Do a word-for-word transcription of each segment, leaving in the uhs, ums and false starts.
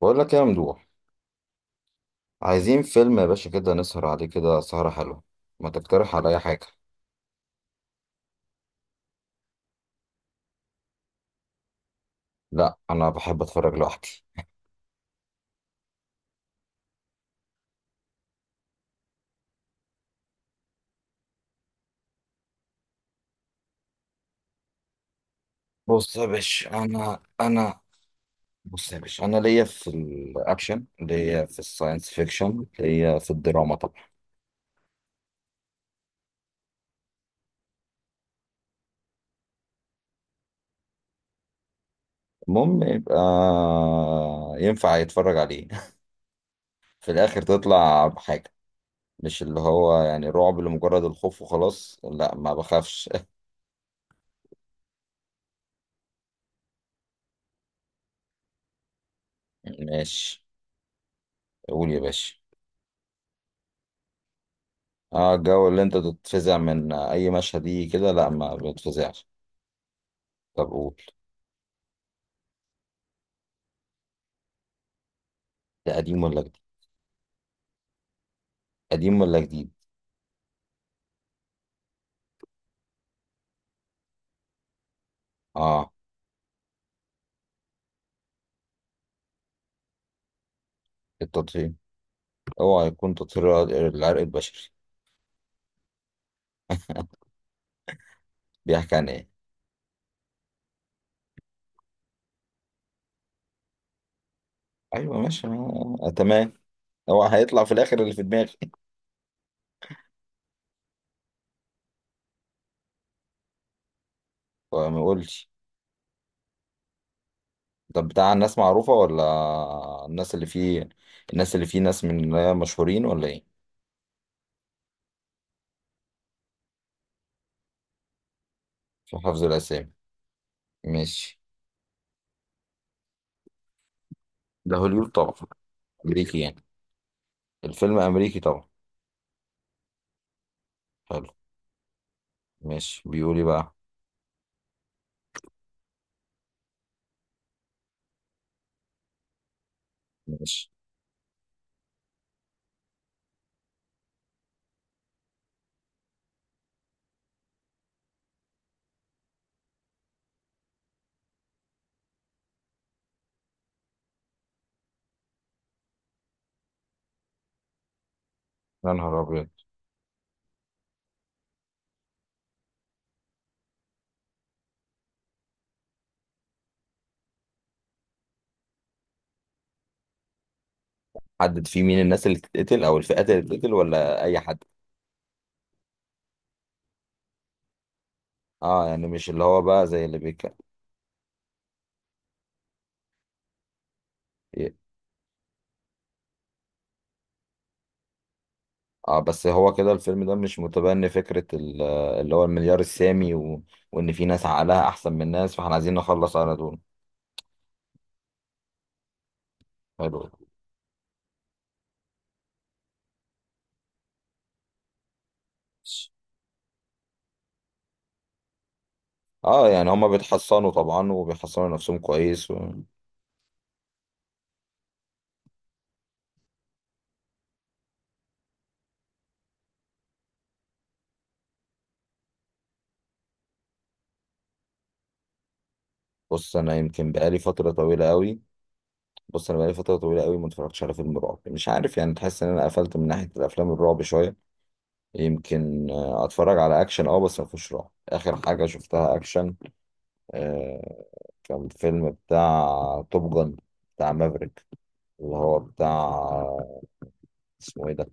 بقول لك إيه يا ممدوح؟ عايزين فيلم يا باشا كده، نسهر عليه كده سهرة حلوة. ما تقترح عليا حاجة؟ لا، أنا بحب أتفرج لوحدي. بص يا باشا أنا أنا بص يا باشا، أنا ليا في الأكشن، ليا في الساينس فيكشن، ليا في الدراما طبعا. المهم يبقى ينفع يتفرج عليه. في الآخر تطلع بحاجة. مش اللي هو يعني رعب لمجرد الخوف وخلاص، لا، ما بخافش. ماشي. قول يا باشا. اه، الجو اللي انت تتفزع من اي مشهد دي، كده لا، ما بتفزعش. طب قول. ده قديم ولا جديد؟ قديم ولا جديد؟ اه. التطهير. اوعى يكون تطهير العرق البشري. بيحكي عن ايه؟ ايوه، ماشي، آه، آه، تمام. هو هيطلع في الاخر اللي في دماغي. هو ما يقولش. طب بتاع الناس معروفة ولا؟ الناس اللي فيه، الناس اللي فيه ناس من اللي هي مشهورين ولا ايه؟ في حفظ الاسامي. ماشي. ده هوليوود طبعا، امريكي يعني. الفيلم امريكي طبعا. حلو. ماشي، بيقول ايه بقى؟ ماشي. يا نهار ابيض. حدد في مين الناس اللي تتقتل او الفئات اللي تتقتل، ولا اي حد؟ اه، يعني مش اللي هو بقى زي اللي بيك. اه بس هو كده الفيلم ده مش متبني فكرة ال- اللي هو المليار السامي، و... وان في ناس عقلها احسن من الناس، فاحنا عايزين نخلص على دول. حلو. اه يعني هما بيتحصنوا طبعا، وبيحصنوا نفسهم كويس، و... بص انا يمكن بقالي فترة طويلة قوي بص انا بقالي فترة طويلة قوي ما اتفرجتش على فيلم رعب، مش عارف، يعني تحس ان انا قفلت من ناحية الافلام الرعب شوية. يمكن آه، اتفرج على اكشن اه، بس ما فيهوش رعب. اخر حاجه شفتها اكشن، آه، كان فيلم بتاع توب جن، بتاع مافريك، اللي هو بتاع آه، اسمه ايه ده،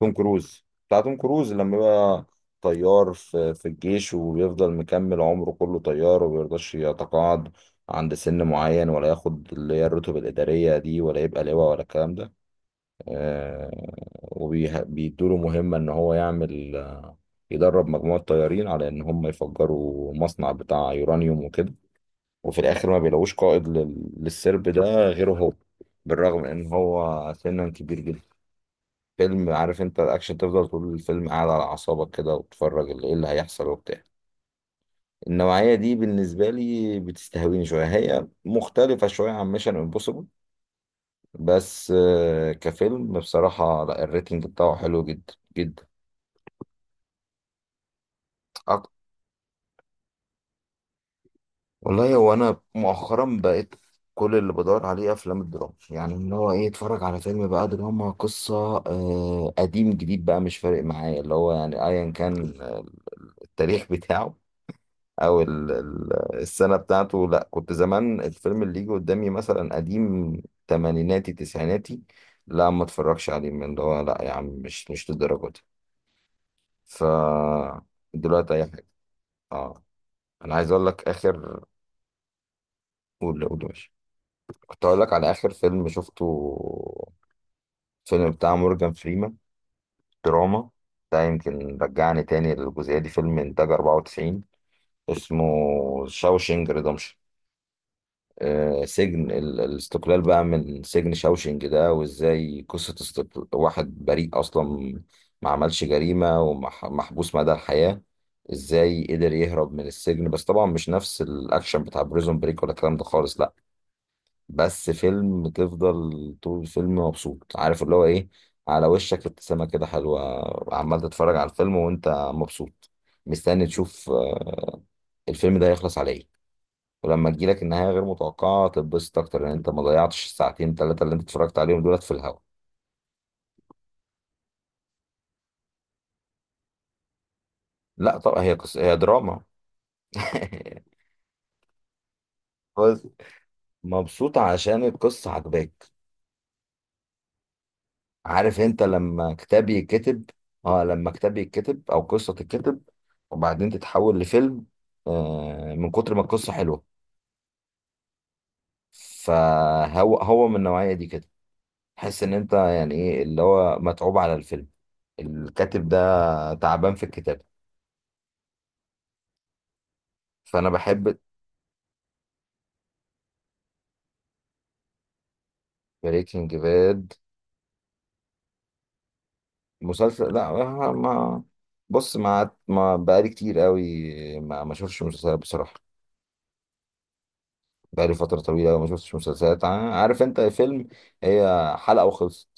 توم كروز. بتاع توم كروز لما بقى طيار في في الجيش، وبيفضل مكمل عمره كله طيار، ومبيرضاش يتقاعد عند سن معين، ولا ياخد اللي هي الرتب الإدارية دي، ولا يبقى لواء ولا الكلام ده. وبيدوا له مهمة إن هو يعمل، آه، يدرب مجموعة طيارين على إن هم يفجروا مصنع بتاع يورانيوم وكده. وفي الآخر ما بيلاقوش قائد لل- للسرب ده غيره هو، بالرغم من إن هو سنا كبير جدا. فيلم، عارف انت الاكشن، تفضل طول الفيلم قاعد على اعصابك كده، وتتفرج ال- ايه اللي هيحصل وبتاع. النوعية دي بالنسبة لي بتستهويني شوية، هي مختلفة شوية عن ميشن امبوسيبل. بس آه، كفيلم بصراحة، لا، الريتنج بتاعه حلو جدا جدا. أك- والله هو انا مؤخرا بقيت كل اللي بدور عليه افلام الدراما، يعني ان هو ايه، اتفرج على فيلم بقى دراما، قصه، آه، قديم جديد بقى مش فارق معايا، اللي هو يعني ايا كان ال- التاريخ بتاعه، او ال- ال- السنه بتاعته. لا، كنت زمان الفيلم اللي يجي قدامي مثلا قديم، تمانيناتي تسعيناتي، لا ما اتفرجش عليه، من اللي هو لا يا عم، مش مش للدرجه دي. ف دلوقتي اي حاجه. اه. انا عايز اقول لك اخر. قول قول يا باشا. كنت اقول لك على اخر فيلم شفته، فيلم بتاع مورجان فريمان، دراما، ده يمكن رجعني تاني للجزئيه دي. فيلم انتاج أربعة وتسعين، اسمه شاوشينج ريدمشن. آه، سجن ال- الاستقلال بقى من سجن شاوشينج ده، وازاي قصه استقل... واحد بريء اصلا، ما عملش جريمه، ومحبوس مدى الحياه، ازاي قدر يهرب من السجن. بس طبعا مش نفس الاكشن بتاع بريزون بريك ولا الكلام ده خالص، لا. بس فيلم تفضل طول الفيلم مبسوط، عارف، اللي هو ايه، على وشك ابتسامة كده حلوة، عمال تتفرج على الفيلم وانت مبسوط، مستني تشوف، آه، الفيلم ده هيخلص على ايه. ولما تجيلك النهاية غير متوقعة تتبسط اكتر، لان انت ما ضيعتش الساعتين ثلاثة اللي انت اتفرجت عليهم دولت في الهوا. لا طبعا هي قصة، هي دراما. بس مبسوط عشان القصة عجباك. عارف انت لما كتاب يتكتب، اه لما كتاب يتكتب او قصة تتكتب وبعدين تتحول لفيلم، آه من كتر ما القصة حلوة. فهو هو من النوعية دي كده، تحس ان انت يعني ايه اللي هو متعوب على الفيلم، الكاتب ده تعبان في الكتابة. فانا بحب. بريكنج باد؟ مسلسل، لا. ما بص ما ما بقالي كتير قوي ما ما اشوفش مسلسلات بصراحة. بقالي فترة طويلة ما شفتش مسلسلات، ع- عارف انت، فيلم هي حلقة وخلصت.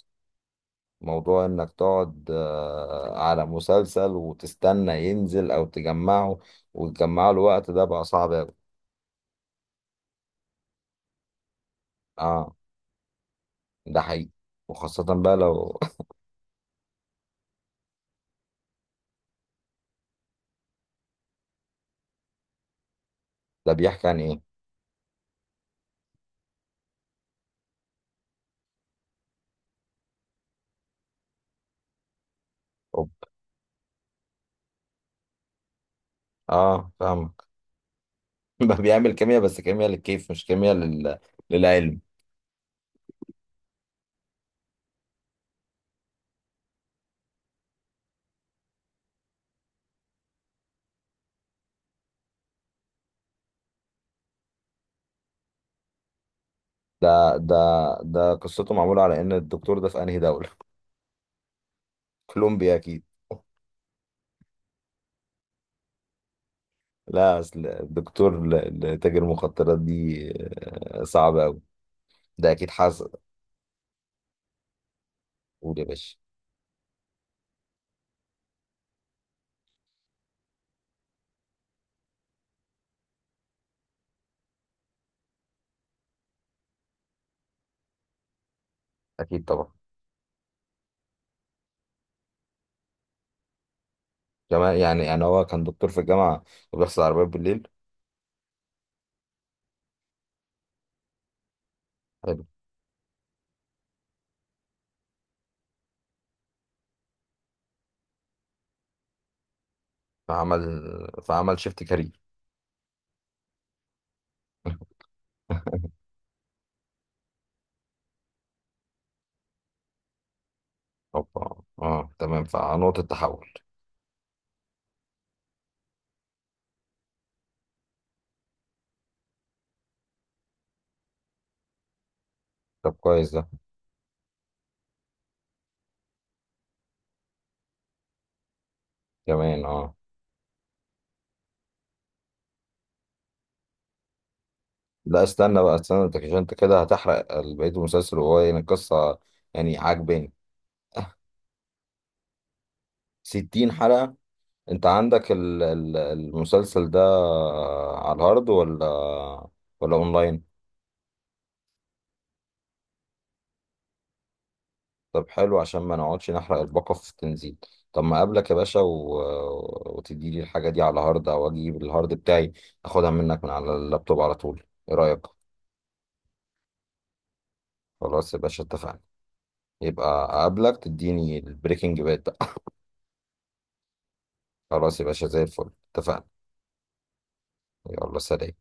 موضوع انك تقعد، آه، على مسلسل وتستنى ينزل او تجمعه، وتجمعه، الوقت ده بقى صعب اوي. اه ده حقيقي. وخاصة بقى لو. ده بيحكي عن ايه؟ أوب. اه فاهمك. ده بيعمل كيمياء، بس كيمياء للكيف، مش كيمياء لل... للعلم. ده ده ده قصته معمولة على ان الدكتور ده في انهي دولة؟ كولومبيا اكيد. لا اصل الدكتور ل- لتاجر المخدرات دي، آه، صعب قوي. ده اكيد حاسس. قول يا باشا. اكيد طبعا. كمان، يعني يعني هو كان دكتور في الجامعه وبيغسل عربيات بالليل؟ حلو. فعمل فعمل شيفت كارير. اوبا، اه تمام، فنقطه تحول. طب كويس ده. كمان اه. لا استنى بقى، استنى انت، عشان انت كده هتحرق بقيه المسلسل، وهو يعني القصه يعني عاجباني. ستين حلقه؟ انت عندك ال- ال- المسلسل ده على الهارد ولا، ولا اونلاين؟ طب حلو، عشان ما نقعدش نحرق الباقة في التنزيل. طب ما اقابلك يا باشا و... وتدي لي الحاجة دي على هارد، او اجيب الهارد بتاعي اخدها منك من على اللابتوب على طول. ايه رأيك؟ خلاص يا باشا اتفقنا. يبقى اقابلك تديني البريكنج باد بقى. خلاص يا باشا زي الفل. اتفقنا. يلا سلام.